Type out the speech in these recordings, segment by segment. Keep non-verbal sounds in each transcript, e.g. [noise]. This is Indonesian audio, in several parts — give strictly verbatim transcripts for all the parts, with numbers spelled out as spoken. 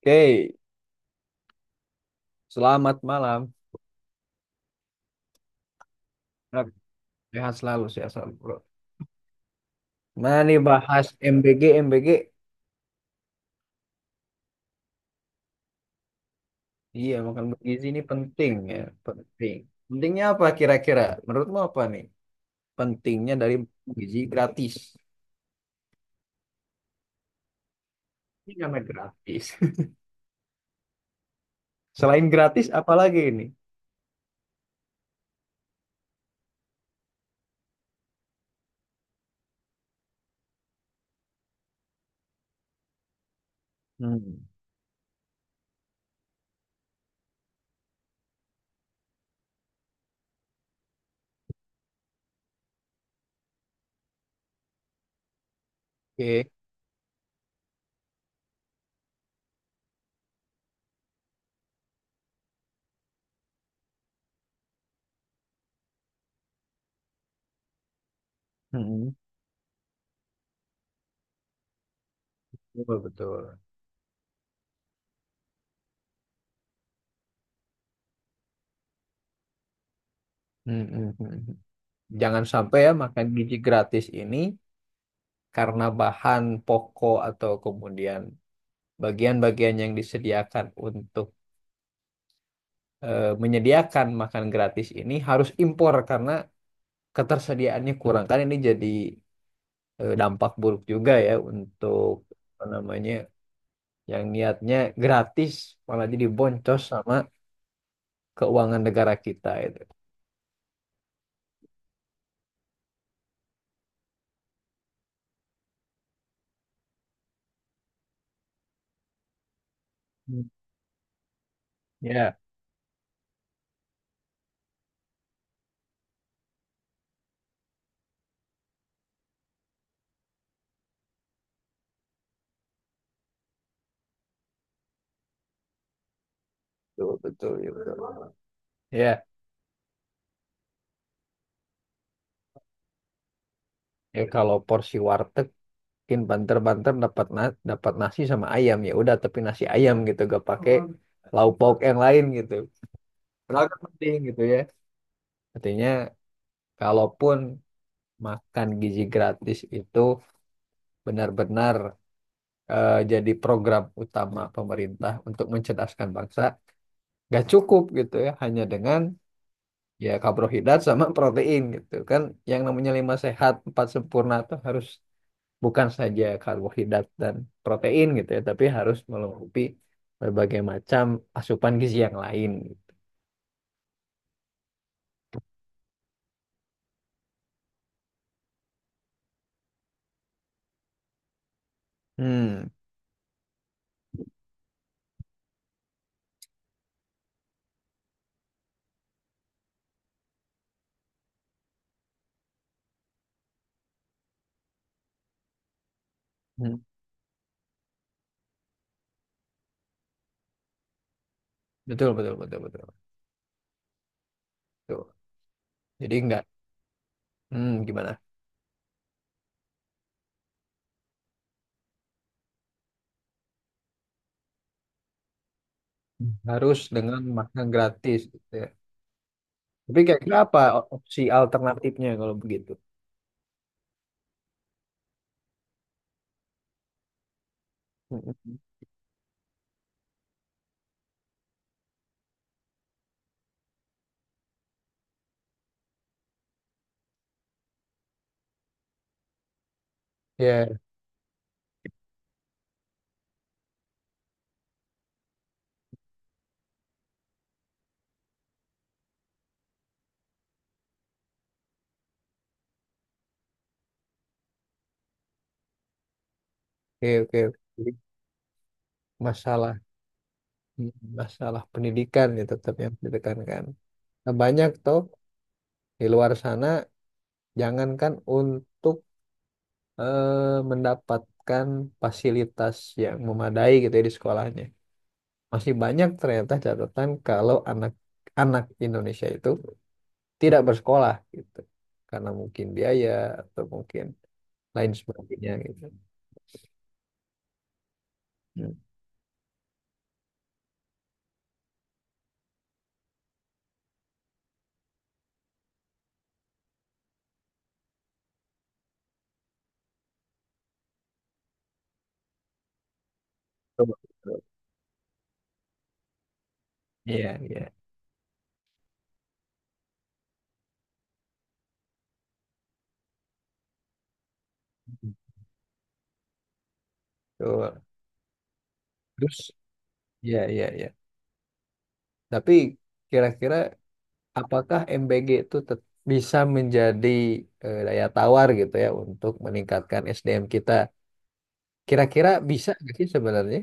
Oke, selamat malam. Bro. Sehat selalu, sehat selalu, bro. Mana nih bahas M B G, M B G? Iya, makan bergizi ini penting ya, penting. Pentingnya apa kira-kira? Menurutmu apa nih? Pentingnya dari gizi gratis. Ini namanya gratis. [laughs] Selain gratis, apa lagi ini? Hmm. Oke. Hmm. Betul, betul. Hmm, hmm, hmm, hmm. Jangan sampai ya makan gizi gratis ini karena bahan pokok atau kemudian bagian-bagian yang disediakan untuk eh, menyediakan makan gratis ini harus impor karena ketersediaannya kurang. Kan ini jadi eh, dampak buruk juga ya untuk apa namanya yang niatnya gratis malah jadi boncos sama keuangan negara kita itu. Hmm. Ya, betul betul ya betul. Ya, ya kalau porsi warteg mungkin banter-banter dapat na- dapat nasi sama ayam ya udah tapi nasi ayam gitu gak pakai lauk pauk yang lain gitu. Padahal kan penting gitu ya. Artinya, kalaupun makan gizi gratis itu benar-benar eh, jadi program utama pemerintah untuk mencerdaskan bangsa, nggak cukup gitu ya, hanya dengan ya karbohidrat sama [laughs] protein gitu kan. Yang namanya lima sehat, empat sempurna itu harus bukan saja karbohidrat dan protein gitu ya, tapi harus melengkapi berbagai macam asupan gizi yang lain. Hmm, hmm. Betul, betul, betul, betul, betul. Jadi nggak. Hmm, gimana? Harus dengan makan gratis gitu ya. Tapi kira-kira apa opsi alternatifnya kalau begitu? Mm-mm. Ya, oke, oke. Oke. Jadi, Masalah masalah pendidikan ya tetap yang ditekankan. Nah, banyak toh di luar sana jangankan untuk eh, mendapatkan fasilitas yang memadai gitu ya di sekolahnya. Masih banyak ternyata catatan kalau anak-anak Indonesia itu tidak bersekolah gitu. Karena mungkin biaya atau mungkin lain sebagainya gitu. Hmm. Betul, betul. Iya, iya. Betul. Terus, iya, iya, iya. Tapi kira-kira apakah M B G itu tet- bisa menjadi eh, daya tawar gitu ya untuk meningkatkan S D M kita? Kira-kira bisa nggak sih sebenarnya?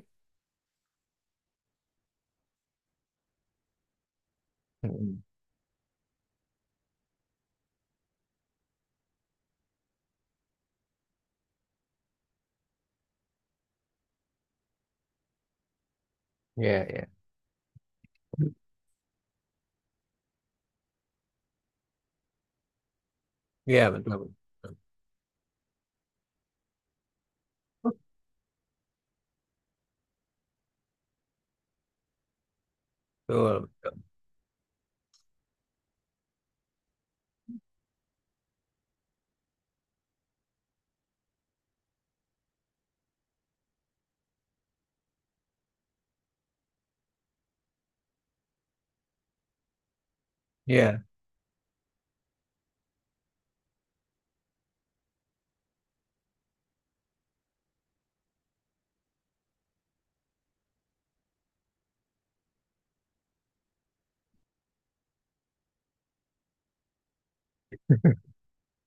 Hmm. Iya, iya. Iya, betul. Betul, betul. Iya.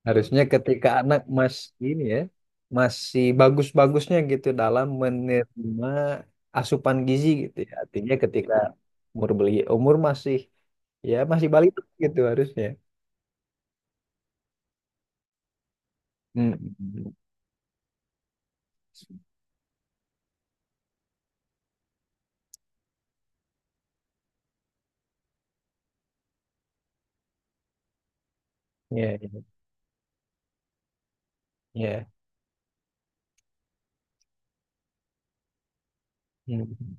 Harusnya ketika anak mas ini ya masih bagus-bagusnya gitu dalam menerima asupan gizi gitu ya. Artinya ketika umur beli umur masih ya masih balita gitu harusnya. Hmm. Ya, ya. Hmm.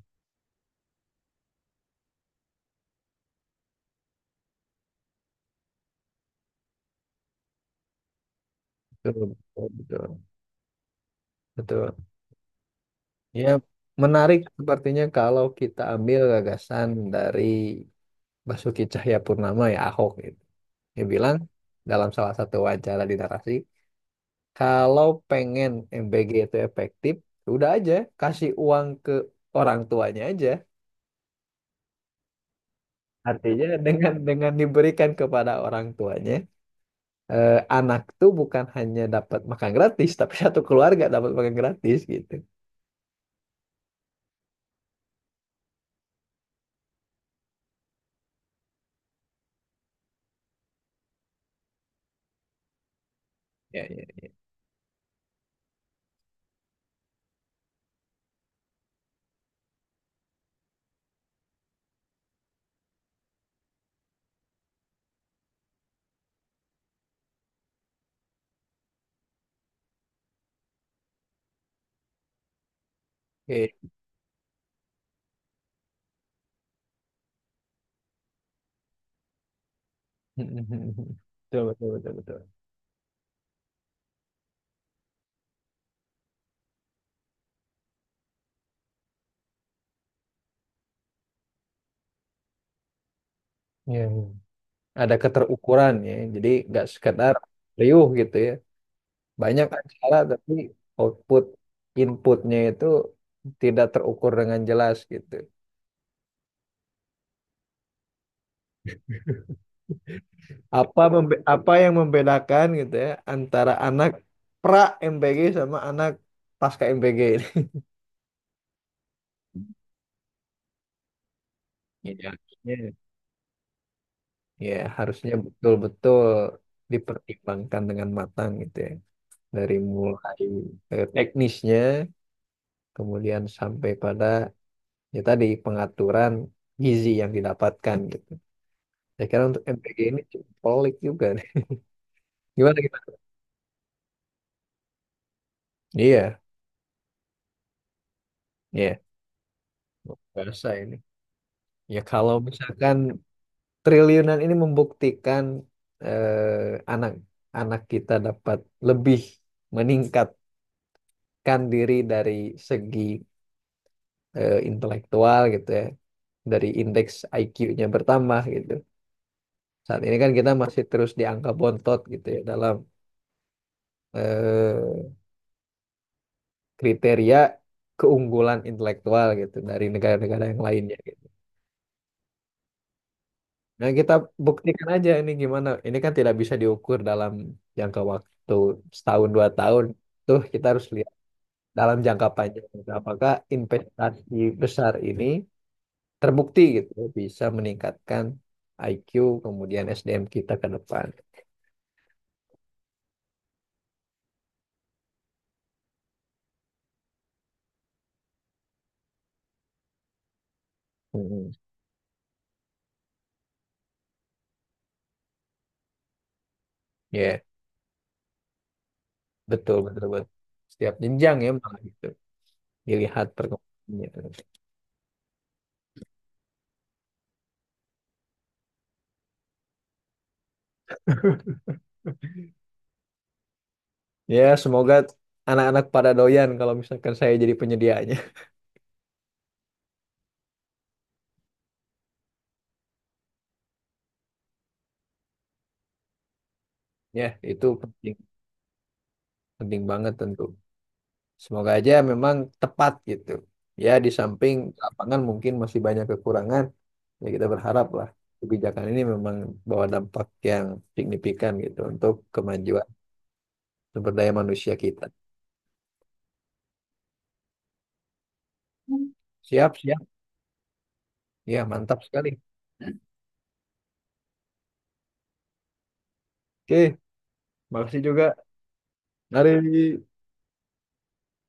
Betul, betul, betul. Betul. Ya, menarik sepertinya kalau kita ambil gagasan dari Basuki Cahayapurnama ya Ahok gitu. Dia bilang dalam salah satu wawancara di Narasi. Kalau pengen M B G itu efektif, udah aja kasih uang ke orang tuanya aja. Artinya dengan dengan diberikan kepada orang tuanya, eh, anak tuh bukan hanya dapat makan gratis, tapi satu keluarga dapat makan gratis gitu. Ya, ya. Oke. [laughs] Betul, betul, betul, betul. Ya, ya. Ada keterukuran ya, jadi nggak sekedar riuh gitu ya. Banyak acara tapi output inputnya itu tidak terukur dengan jelas gitu. Apa membe- apa yang membedakan gitu ya antara anak pra M P G sama anak pasca M P G ini? Iya. Iya. Ya, harusnya betul-betul dipertimbangkan dengan matang gitu ya. Dari mulai eh, teknisnya, kemudian sampai pada ya tadi pengaturan gizi yang didapatkan gitu. Saya kira untuk M P G ini cukup pelik juga nih. Gimana gimana? Iya, iya. Luar biasa ini. Ya kalau misalkan triliunan ini membuktikan eh, anak anak kita dapat lebih meningkatkan diri dari segi eh, intelektual gitu ya dari indeks I Q-nya bertambah gitu saat ini kan kita masih terus di angka bontot gitu ya dalam eh, kriteria keunggulan intelektual gitu dari negara-negara yang lainnya gitu. Nah, kita buktikan aja ini gimana. Ini kan tidak bisa diukur dalam jangka waktu setahun dua tahun tuh kita harus lihat dalam jangka panjang. Apakah investasi besar ini terbukti gitu bisa meningkatkan I Q kemudian S D M kita ke depan. mm Ya, betul betul betul. Setiap jenjang ya malah gitu. Dilihat perkembangannya. [laughs] Ya, semoga anak-anak pada doyan kalau misalkan saya jadi penyediaannya. [laughs] Ya, itu penting penting banget tentu. Semoga aja memang tepat gitu. Ya, di samping lapangan mungkin masih banyak kekurangan, ya kita berharap lah kebijakan ini memang bawa dampak yang signifikan gitu untuk kemajuan sumber daya manusia kita. Siap, siap. Ya, mantap sekali. Oke, makasih juga. Mari.